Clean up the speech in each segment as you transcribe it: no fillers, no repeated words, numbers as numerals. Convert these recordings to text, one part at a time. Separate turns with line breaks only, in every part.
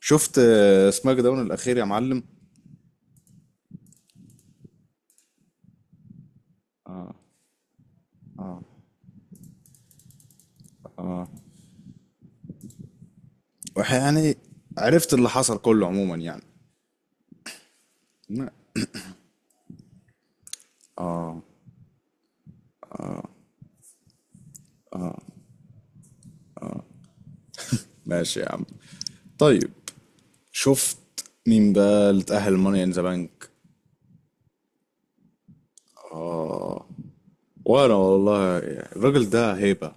شفت سماك داون الاخير يا معلم. يعني عرفت اللي حصل كله عموما يعني. ما- ماشي يا عم. طيب، شفت مين بقى اللي اتأهل ماني ان ذا بانك؟ وانا والله الراجل ده هيبة.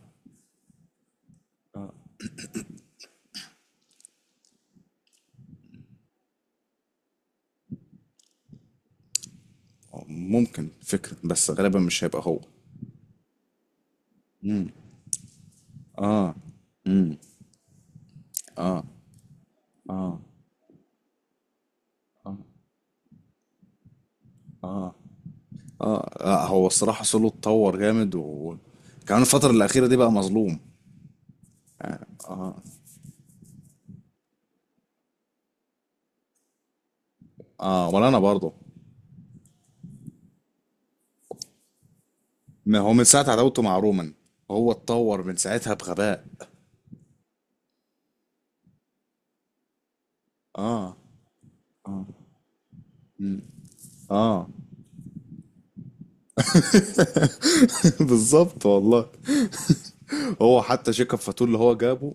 ممكن فكرة بس غالبا مش هيبقى هو. اه لا، هو الصراحة سولو اتطور جامد، وكمان الفترة الأخيرة دي بقى مظلوم. اه، ولا أنا برضه. ما هو من ساعة عداوته مع رومان، هو اتطور من ساعتها بغباء. اه. بالظبط والله. هو حتى شيكاب فاتور اللي هو جابه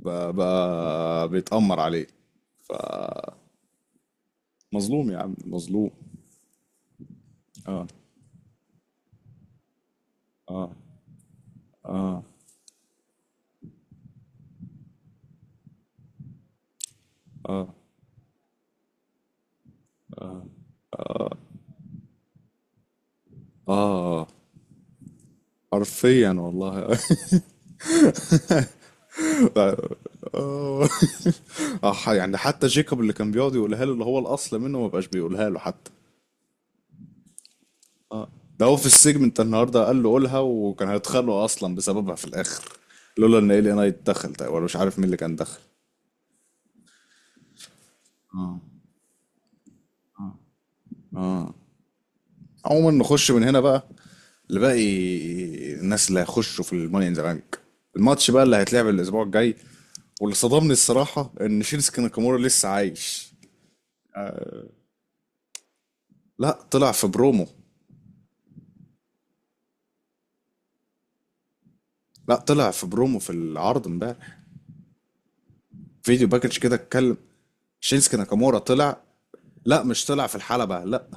بقى بيتأمر عليه. مظلوم يا عم، مظلوم. اه، اه، اه، اه، حرفيا والله. اه. آه، يعني حتى جيكوب اللي كان بيقعد يقولها له اللي هو الاصل منه، ما بقاش بيقولها له حتى. اه، ده هو في السجن انت النهارده قال له قولها، وكان هيتخانقوا اصلا بسببها في الاخر. لولا ان الي نايت دخل ده، ولا مش عارف مين اللي كان دخل. اه، اه. عموما نخش من هنا بقى لباقي الناس اللي هيخشوا في الماني ان ذا بانك. الماتش بقى اللي هيتلعب الاسبوع الجاي، واللي صدمني الصراحه ان شينسكي ناكامورا لسه عايش. لا، طلع في برومو. لا، طلع في برومو في العرض امبارح. فيديو باكج كده اتكلم. شينسكي ناكامورا طلع. لا، مش طلع في الحلبة، لا.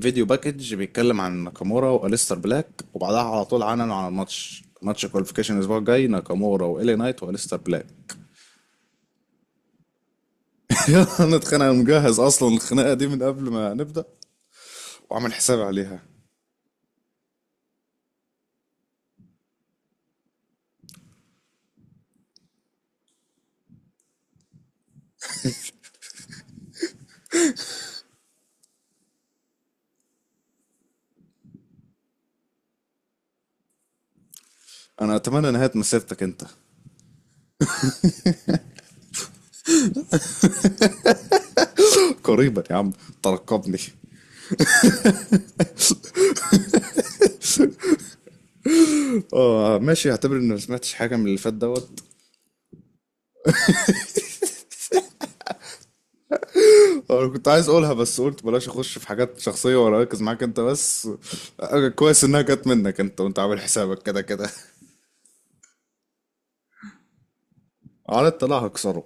فيديو باكج بيتكلم عن ناكامورا واليستر بلاك، وبعدها على طول عننوا على الماتش، ماتش كواليفيكيشن الاسبوع الجاي، ناكامورا والي نايت واليستر بلاك. انا اتخانق، أنا مجهز اصلا الخناقه دي من قبل ما نبدا، وعامل حسابي عليها. انا اتمنى نهايه مسيرتك انت. قريبا يا عم، ترقبني. اه ماشي، اعتبر اني ما سمعتش حاجه من اللي فات دوت. آه، انا كنت عايز اقولها، بس قلت بلاش اخش في حاجات شخصيه واركز معاك انت بس. آه، كويس انها جت منك انت، وانت عامل حسابك كده كده. على الطلاق هكسره.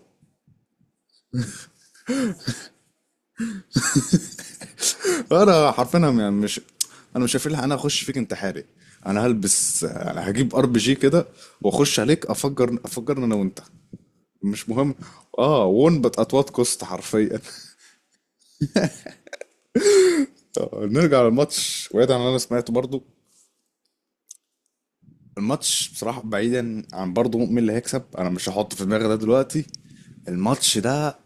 انا حرفيا يعني مش، انا مش هفيلها، انا اخش فيك انتحاري. انا هلبس، أنا هجيب ار بي جي كده، واخش عليك افجرنا انا وانت. مش مهم. اه، وون بت ات وات كوست حرفيا. آه، نرجع للماتش وبعيد عن اللي انا سمعته برضو. الماتش بصراحة بعيدا عن برضو مين اللي هيكسب، انا مش هحط في دماغي ده دلوقتي. الماتش ده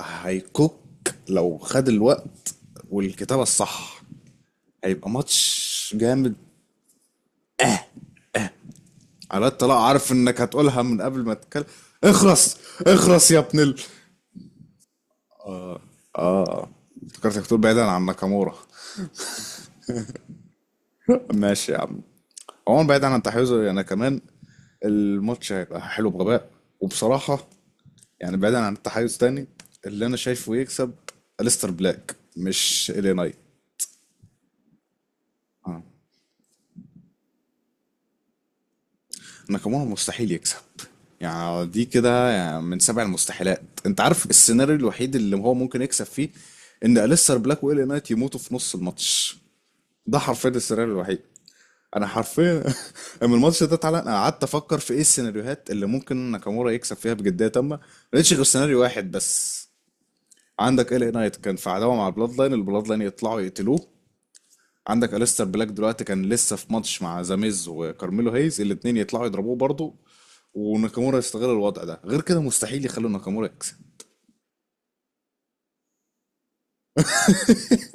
هيكوك لو خد الوقت والكتابة الصح، هيبقى ماتش جامد. على الطلاق عارف انك هتقولها من قبل ما تتكلم. اخرس! اخرس يا ابن ال... افتكرتك بتقول بعيدا عن ناكامورا. ماشي يا عم. عموما بعيدا عن تحيزه انا كمان، الماتش هيبقى حلو بغباء. وبصراحة، يعني بعيدا عن التحيز تاني، اللي انا شايفه يكسب أليستر بلاك مش إلي نايت. ناكامورا مستحيل يكسب. يعني دي كده يعني من سبع المستحيلات. انت عارف السيناريو الوحيد اللي هو ممكن يكسب فيه؟ ان أليستر بلاك وإلي نايت يموتوا في نص الماتش. ده حرفيا السيناريو الوحيد. انا حرفيا لما الماتش ده اتعلق انا قعدت افكر في ايه السيناريوهات اللي ممكن ناكامورا يكسب فيها بجديه تامه، ما لقيتش غير سيناريو واحد بس. عندك إلي نايت كان في عداوه مع البلاد لاين، البلاد لاين يطلعوا يقتلوه. عندك أليستر بلاك دلوقتي كان لسه في ماتش مع زاميز وكارميلو هيز، الاتنين يطلعوا يضربوه برضه. وناكامورا يستغل الوضع ده. غير كده مستحيل يخلوا ناكامورا يكسب.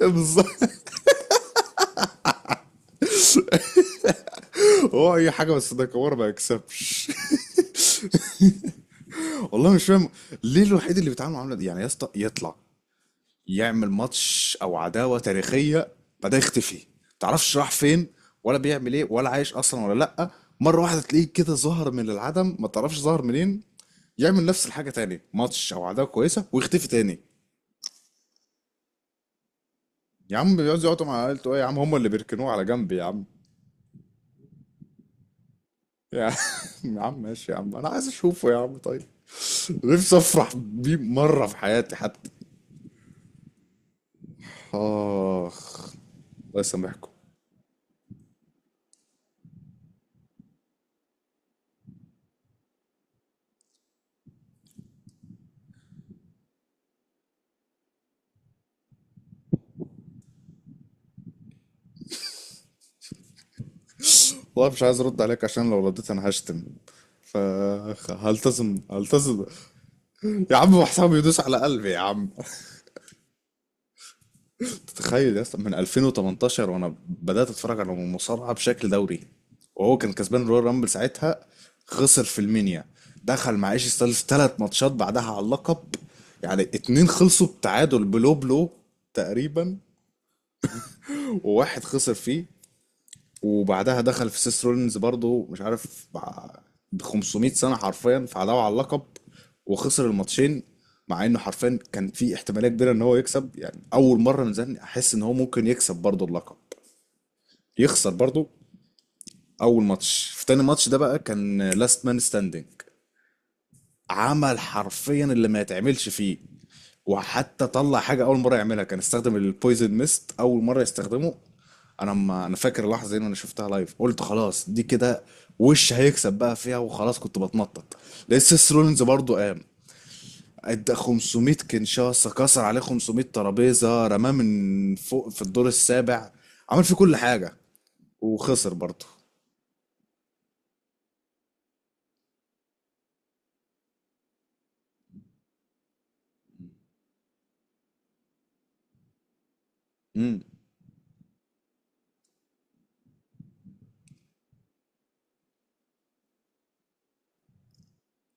بالظبط. هو اي حاجه بس ناكامورا ما يكسبش. والله مش فاهم ليه الوحيد اللي بيتعامل معامله دي. يعني يا اسطى يطلع يعمل ماتش او عداوه تاريخيه، بعدها يختفي. تعرفش راح فين ولا بيعمل ايه ولا عايش اصلا ولا لا. مره واحده تلاقيه كده ظهر من العدم ما تعرفش ظهر منين، يعمل نفس الحاجه تاني، ماتش او عداوه كويسه ويختفي تاني. يا عم بيقعدوا مع عيلته ايه يا عم؟ هم اللي بيركنوه على جنب يا عم. يا عم يا عم ماشي يا عم، انا عايز اشوفه يا عم، طيب. نفسي افرح بيه مره في حياتي حتى. اخ، الله يسامحكم. والله مش عايز ارد عليك عشان لو رديت انا هشتم، فهلتزم هلتزم هلتزم. يا عم محسن بيدوس على قلبي يا عم. تخيل يا اسطى، من 2018 وانا بدأت اتفرج على المصارعة بشكل دوري، وهو كان كسبان رويال رامبل ساعتها. خسر في المنيا، دخل مع ايش ستايلز ثلاث ماتشات بعدها على اللقب. يعني اتنين خلصوا بتعادل بلو بلو تقريبا، وواحد خسر فيه. وبعدها دخل في سيس رولينز برضه مش عارف، ب 500 سنة حرفيا فعداوا على اللقب، وخسر الماتشين. مع انه حرفيا كان في احتماليه كبيره ان هو يكسب، يعني اول مره من زمان احس ان هو ممكن يكسب برضه اللقب. يخسر برضو. اول ماتش. في تاني ماتش ده بقى كان لاست مان ستاندينج. عمل حرفيا اللي ما يتعملش فيه، وحتى طلع حاجه اول مره يعملها، كان استخدم البويزن ميست اول مره يستخدمه. انا، ما انا فاكر اللحظه دي، إن انا شفتها لايف قلت خلاص دي كده وش هيكسب بقى فيها، وخلاص كنت بتنطط. لقيت سيس رولينز برضو قام ادى 500 كنشاسه، كسر عليه 500 ترابيزه، رماه من فوق في الدور السابع، عمل فيه كل حاجه، وخسر برضو.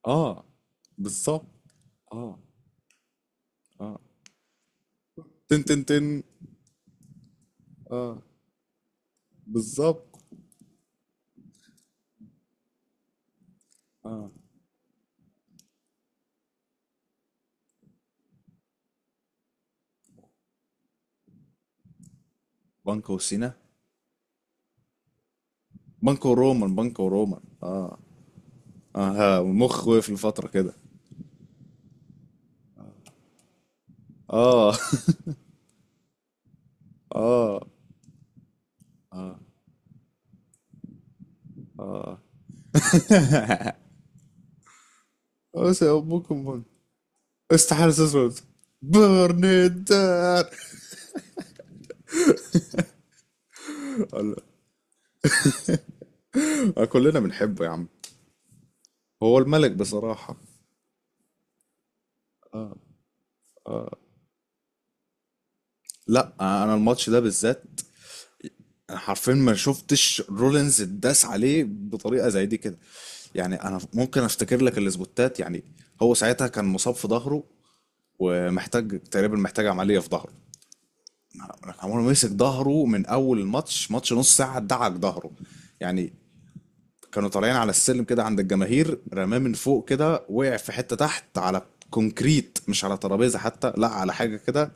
اه بالظبط. اه، اه، تن تن تن. اه بالظبط. اه، بانكو وسينا. بانكو رومان، بانكو رومان. اه، اه، ها، مخ وقف لفترة كده. اه. اه، اه. بس يا ابوكم استحالة تسود برنيدان. كلنا بنحبه يا عم. هو الملك بصراحة. لا، انا الماتش ده بالذات، حرفيا ما شفتش رولينز اتداس عليه بطريقه زي دي كده. يعني انا ممكن افتكر لك الاسبوتات يعني. هو ساعتها كان مصاب في ظهره، ومحتاج تقريبا، محتاج عمليه في ظهره. ناكامورا مسك ظهره من اول الماتش، ماتش نص ساعه ادعك ظهره يعني. كانوا طالعين على السلم كده عند الجماهير، رماه من فوق كده، وقع في حتة تحت على كونكريت مش على ترابيزة حتى، لا على حاجة كده.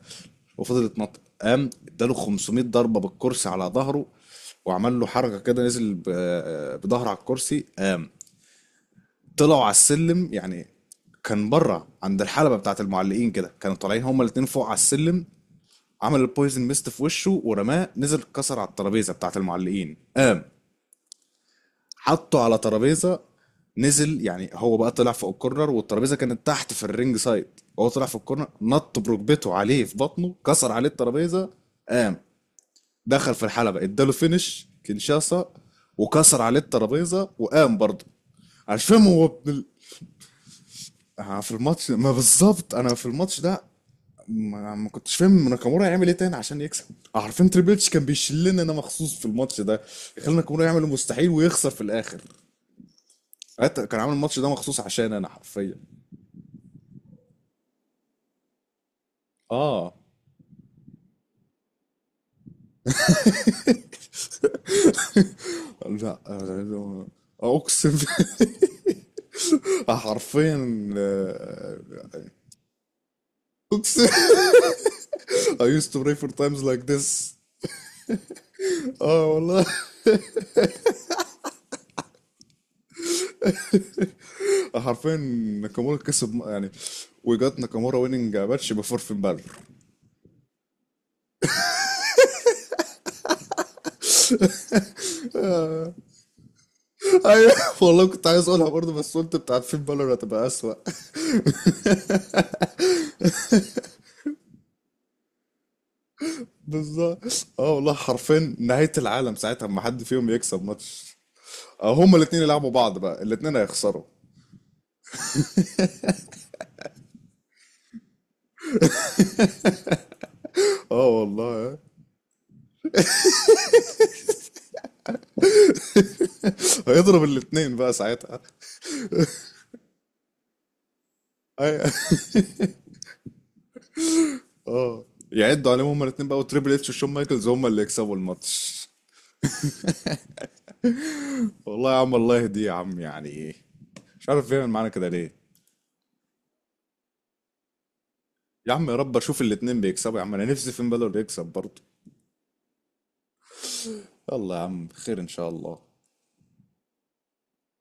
وفضل يتنطط، قام اداله 500 ضربة بالكرسي على ظهره، وعمل له حركة كده نزل بظهره على الكرسي، قام. طلعوا على السلم يعني، كان بره عند الحلبة بتاعة المعلقين كده، كانوا طالعين هما الاتنين فوق على السلم. عمل البويزن ميست في وشه ورماه، نزل اتكسر على الترابيزة بتاعة المعلقين، قام. حطه على ترابيزه، نزل يعني هو بقى طلع فوق الكورنر والترابيزه كانت تحت في الرينج سايد، هو طلع في الكورنر نط بركبته عليه في بطنه، كسر عليه الترابيزه، قام. دخل في الحلبه اداله فينش كينشاسا، وكسر عليه الترابيزه وقام برضه. مش فاهم هو ابن ال... آه، في الماتش ما بالظبط، انا في الماتش ده ما كنتش فاهم ناكامورا هيعمل ايه تاني عشان يكسب. عارفين تريبل اتش كان بيشلنا انا مخصوص في الماتش ده، يخلي ناكامورا يعمل المستحيل ويخسر في الاخر. حتى كان عامل الماتش ده مخصوص عشان انا حرفيا، اه. لا، اقسم. حرفيا، آه، اقسم. I used to pray for times like this. اه والله حرفيا. ناكامورا كسب يعني. We got ناكامورا winning ماتش before فين بالور. ايوه والله، كنت عايز اقولها برضه بس قلت بتاعت فين بالور هتبقى اسوأ. بالظبط. اه والله حرفيا نهاية العالم ساعتها اما حد فيهم يكسب ماتش. آه، هما الاتنين يلعبوا بعض بقى الاتنين هيخسروا. اه والله، هيضرب الاثنين بقى ساعتها. أي- اه، يعدوا عليهم هما الاثنين بقى، وتريبل اتش وشون مايكلز هما اللي يكسبوا الماتش. والله يا عم الله يهديه يا عم، يعني ايه؟ مش عارف بيعمل معانا كده ليه. يا عم يا رب اشوف الاثنين بيكسبوا يا عم، انا نفسي فين بالور يكسب برضه. يلا يا عم خير ان شاء الله.